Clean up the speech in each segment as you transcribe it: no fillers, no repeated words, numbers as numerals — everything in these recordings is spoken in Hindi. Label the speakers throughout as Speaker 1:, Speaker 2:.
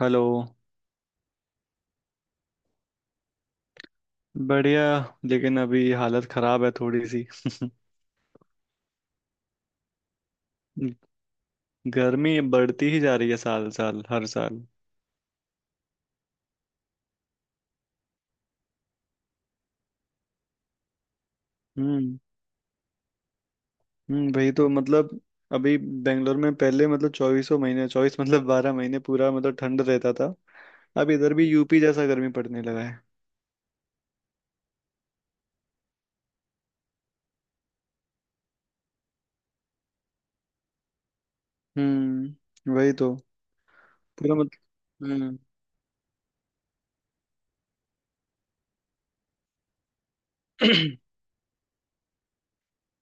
Speaker 1: हेलो। बढ़िया। लेकिन अभी हालत खराब है थोड़ी सी। गर्मी बढ़ती ही जा रही है साल साल हर साल। हम्म। हम्म। वही तो मतलब। अभी बेंगलोर में पहले मतलब चौबीसों महीने चौबीस मतलब 12 महीने पूरा मतलब ठंड रहता था। अब इधर भी यूपी जैसा गर्मी पड़ने लगा है। हम्म। वही तो पूरा मतलब। हम्म।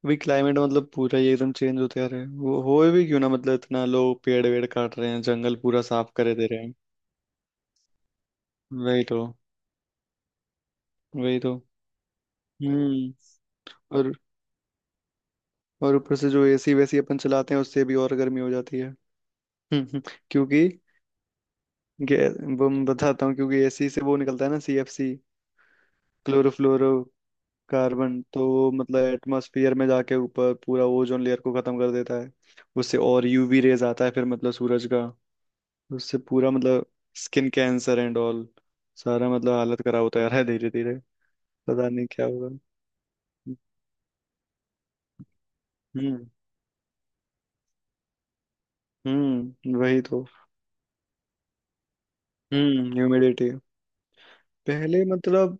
Speaker 1: अभी क्लाइमेट मतलब पूरा ही एकदम चेंज होते आ रहा है। वो हो भी क्यों ना, मतलब इतना लोग पेड़ वेड़ काट रहे हैं, जंगल पूरा साफ करे दे रहे हैं। वही तो। वही तो। हम्म। और और ऊपर से जो एसी वैसी अपन चलाते हैं उससे भी और गर्मी हो जाती है। हम्म। क्योंकि गैस वो मैं बताता हूँ, क्योंकि एसी से वो निकलता है ना, सीएफसी क्लोरोफ्लोरो कार्बन तो वो मतलब एटमॉस्फेयर में जाके ऊपर पूरा ओजोन लेयर को खत्म कर देता है। उससे और यूवी रेज आता है फिर मतलब सूरज का। उससे पूरा मतलब, स्किन कैंसर एंड ऑल। सारा मतलब हालत खराब होता जा रहा है धीरे धीरे। पता नहीं क्या होगा। हम्म। हम्म। वही तो। हम्म। ह्यूमिडिटी। पहले मतलब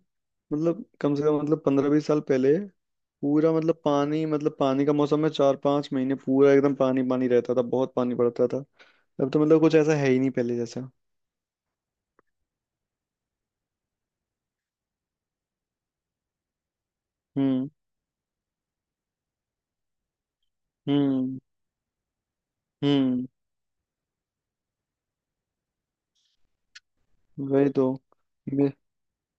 Speaker 1: मतलब कम से कम मतलब 15-20 साल पहले। पूरा मतलब पानी, मतलब पानी का मौसम में 4-5 महीने पूरा एकदम पानी पानी रहता था, बहुत पानी पड़ता था। अब तो मतलब कुछ ऐसा है ही नहीं पहले जैसा। हम्म। हम्म। हम्म। वही तो। मे,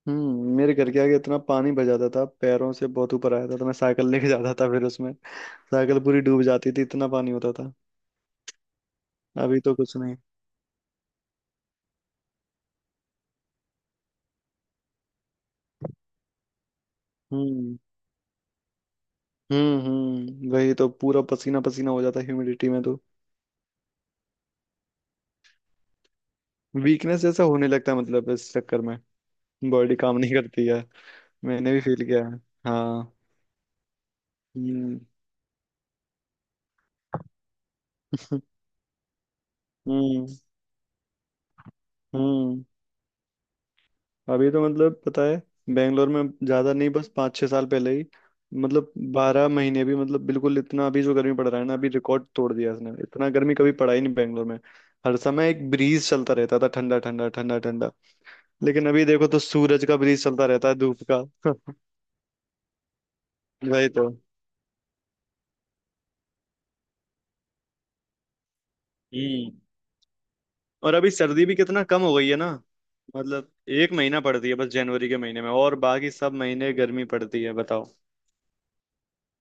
Speaker 1: हम्म। मेरे घर के आगे इतना पानी भर जाता था, पैरों से बहुत ऊपर आया था, तो मैं साइकिल लेके जाता था फिर उसमें साइकिल पूरी डूब जाती थी, इतना पानी होता था। अभी तो कुछ नहीं। हम्म। हम्म। हम्म। वही तो। पूरा पसीना पसीना हो जाता ह्यूमिडिटी में तो। वीकनेस जैसा होने लगता है मतलब इस चक्कर में। बॉडी काम नहीं करती है। मैंने भी फील किया है। हाँ। हम्म। हम्म। हम्म। अभी तो मतलब पता है बेंगलोर में, ज्यादा नहीं, बस 5-6 साल पहले ही। मतलब बारह महीने भी मतलब बिल्कुल इतना। अभी जो गर्मी पड़ रहा है ना, अभी रिकॉर्ड तोड़ दिया इसने, इतना गर्मी कभी पड़ा ही नहीं बेंगलोर में। हर समय एक ब्रीज चलता रहता था, ठंडा ठंडा ठंडा ठंडा। लेकिन अभी देखो तो सूरज का ब्रीज चलता रहता है, धूप का। वही तो। हम्म। और अभी सर्दी भी कितना कम हो गई है ना। मतलब एक महीना पड़ती है बस जनवरी के महीने में, और बाकी सब महीने गर्मी पड़ती है बताओ।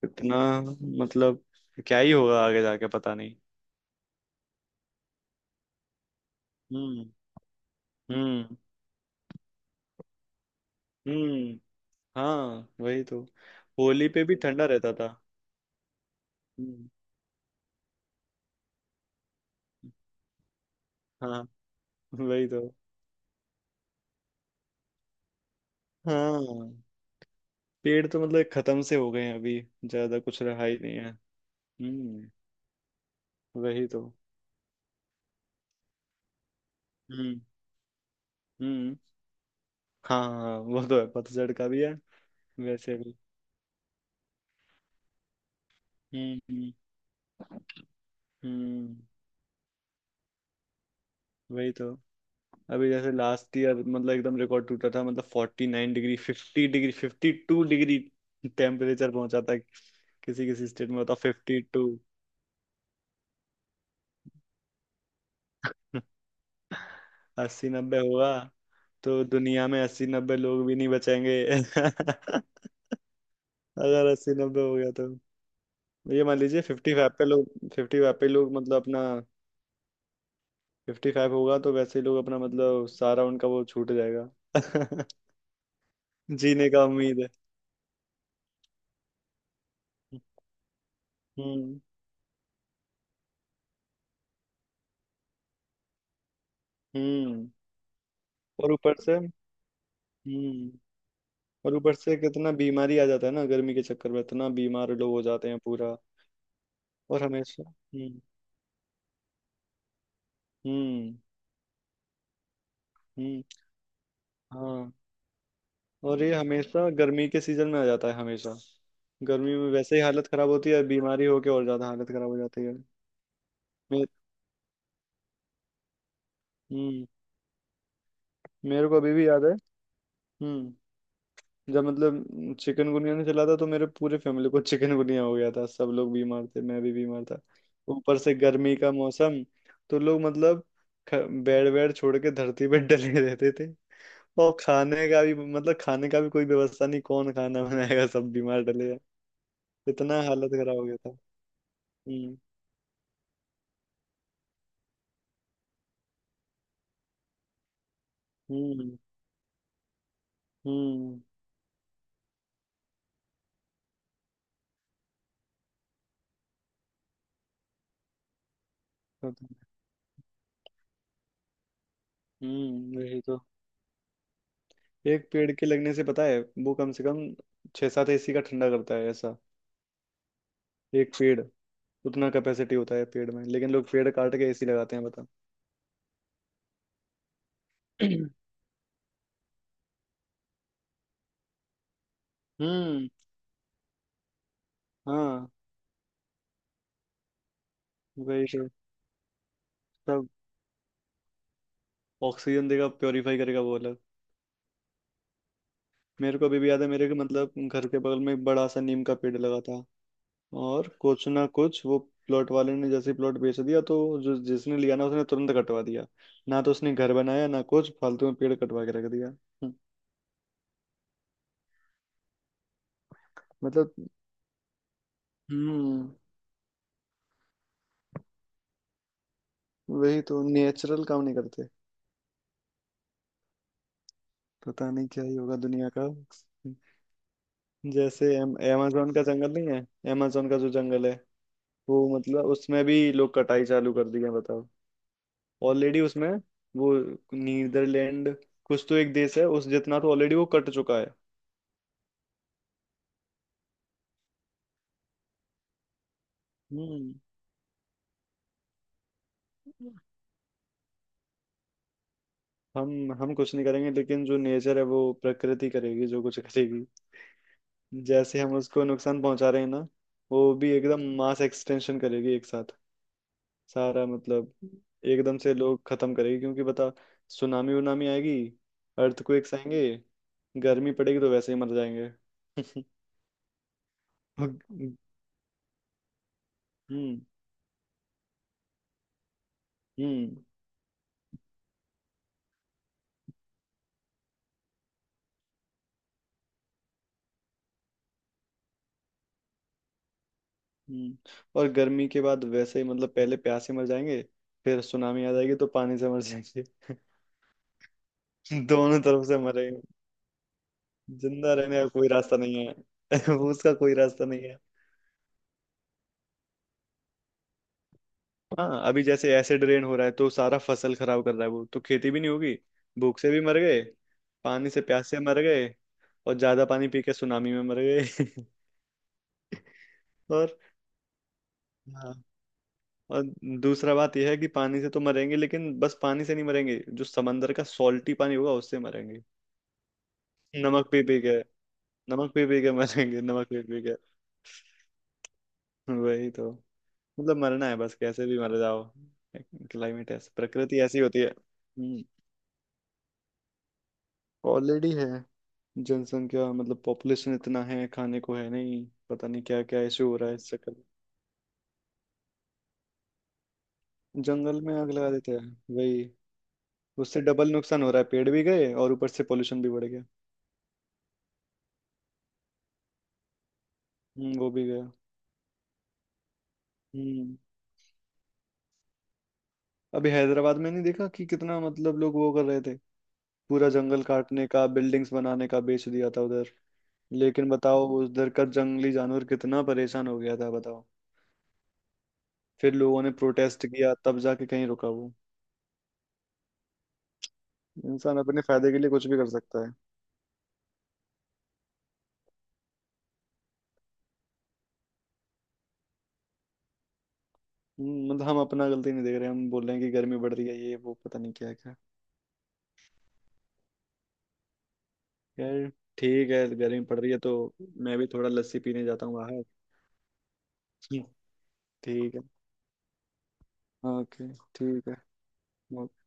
Speaker 1: इतना मतलब, क्या ही होगा आगे जाके पता नहीं। हम्म। हम्म। हम्म। हाँ, वही तो। होली पे भी ठंडा रहता था। हम्म, हाँ, वही तो। हाँ, पेड़ तो मतलब खत्म से हो गए हैं, अभी ज्यादा कुछ रहा ही नहीं है। हम्म। वही तो। हम्म। हम्म। हाँ हाँ, वो तो है, पतझड़ का भी है वैसे भी। हम्म। हम्म। हम्म, वही तो। अभी जैसे लास्ट ईयर मतलब एकदम रिकॉर्ड टूटा था, मतलब 49 डिग्री, 50 डिग्री, 52 डिग्री टेम्परेचर पहुंचा था किसी किसी स्टेट में, होता 52। अस्सी नब्बे हुआ तो दुनिया में 80-90 लोग भी नहीं बचेंगे। अगर 80-90 हो गया तो? ये मान लीजिए फिफ्टी फाइव पे लोग मतलब अपना 55 होगा तो वैसे ही लोग अपना मतलब सारा उनका वो छूट जाएगा। जीने का उम्मीद है। हम्म। हम्म। और ऊपर से। हम्म। और ऊपर से कितना बीमारी आ जाता है ना गर्मी के चक्कर में, इतना बीमार लोग हो जाते हैं पूरा। और हमेशा। हम्म। हम्म। हम्म। हाँ। और ये हमेशा गर्मी के सीजन में आ जाता है हमेशा। गर्मी में वैसे ही हालत खराब होती है, बीमारी होके और ज्यादा हालत खराब हो जाती है। मे, हम्म। मेरे को अभी भी याद है। हम्म। जब मतलब चिकन गुनिया ने चला था तो मेरे पूरे फैमिली को चिकन गुनिया हो गया था, सब लोग बीमार थे, मैं भी बीमार था। ऊपर से गर्मी का मौसम, तो लोग मतलब ख- बेड वेड छोड़ के धरती पे डले रहते थे। और खाने का भी मतलब खाने का भी कोई व्यवस्था नहीं, कौन खाना बनाएगा, सब बीमार डले हैं। इतना हालत खराब हो गया था। हम्म। हम्म। हम्म। पता है। हम्म, वही तो। एक पेड़ के लगने से पता है वो कम से कम 6-7 एसी का ठंडा करता है ऐसा। एक पेड़, उतना कैपेसिटी होता है पेड़ में, लेकिन लोग पेड़ काट के एसी लगाते हैं बता। हम्म। हाँ, वही तो। सब ऑक्सीजन देगा, प्योरीफाई करेगा वो अलग। मेरे को अभी भी याद है, मेरे के मतलब घर के बगल में एक बड़ा सा नीम का पेड़ लगा था। और कुछ ना कुछ वो प्लॉट वाले ने जैसे प्लॉट बेच दिया, तो जो जिसने लिया ना उसने तुरंत कटवा दिया। ना तो उसने घर बनाया ना कुछ, फालतू में पेड़ कटवा के रख दिया। मतलब। हम्म। वही तो नेचुरल काम नहीं करते। पता नहीं क्या ही होगा दुनिया का। जैसे amazon का जंगल नहीं है, amazon का जो जंगल है, वो मतलब उसमें भी लोग कटाई चालू कर दी है बताओ। ऑलरेडी उसमें, वो नीदरलैंड कुछ तो एक देश है, उस जितना तो ऑलरेडी वो कट चुका है। हम्म। हम कुछ नहीं करेंगे, लेकिन जो नेचर है वो प्रकृति करेगी जो कुछ करेगी। जैसे हम उसको नुकसान पहुंचा रहे हैं ना, वो भी एकदम मास एक्सटेंशन करेगी एक साथ, सारा मतलब, एकदम से लोग खत्म करेंगे क्योंकि बता। सुनामी उनामी आएगी, अर्थक्वेक्स आएंगे, गर्मी पड़ेगी तो वैसे ही मर जाएंगे। और। हम्म। हम्म। हम्म। और गर्मी के बाद वैसे ही मतलब पहले प्यास से मर जाएंगे, फिर सुनामी आ जाएगी तो पानी से मर जाएंगे। दोनों तरफ से मरेंगे, जिंदा रहने का कोई रास्ता नहीं है। उसका कोई रास्ता नहीं। हाँ, अभी जैसे एसिड रेन हो रहा है तो सारा फसल खराब कर रहा है, वो तो खेती भी नहीं होगी। भूख से भी मर गए, पानी से प्यास से मर गए, और ज्यादा पानी पी के सुनामी में मर गए। और, हाँ, और दूसरा बात यह है कि पानी से तो मरेंगे, लेकिन बस पानी से नहीं मरेंगे, जो समंदर का सॉल्टी पानी होगा उससे मरेंगे। नमक पी पी के, नमक पी पी के मरेंगे, नमक पी पी के। वही तो। मतलब मरना है बस, कैसे भी मर जाओ। क्लाइमेट ऐसा, प्रकृति ऐसी होती है। हम्म। ऑलरेडी है। जनसंख्या मतलब पॉपुलेशन इतना है, खाने को है नहीं, पता नहीं क्या क्या इशू हो रहा है इस चक्कर में। जंगल में आग लगा देते हैं वही, उससे डबल नुकसान हो रहा है, पेड़ भी गए और ऊपर से पोल्यूशन भी बढ़ गया। हम्म, वो भी गया। हम्म। अभी हैदराबाद में नहीं देखा कि कितना मतलब लोग वो कर रहे थे, पूरा जंगल काटने का, बिल्डिंग्स बनाने का, बेच दिया था उधर। लेकिन बताओ उधर का जंगली जानवर कितना परेशान हो गया था बताओ, फिर लोगों ने प्रोटेस्ट किया तब जाके कहीं रुका वो। इंसान अपने फायदे के लिए कुछ भी कर सकता है। मतलब हम अपना गलती नहीं देख रहे, हम बोल रहे हैं कि गर्मी बढ़ रही है, ये वो, पता नहीं क्या क्या। यार ठीक है, गर्मी पड़ रही है तो मैं भी थोड़ा लस्सी पीने जाता हूँ बाहर। हम्म, ठीक है। ओके। ठीक है। ओके।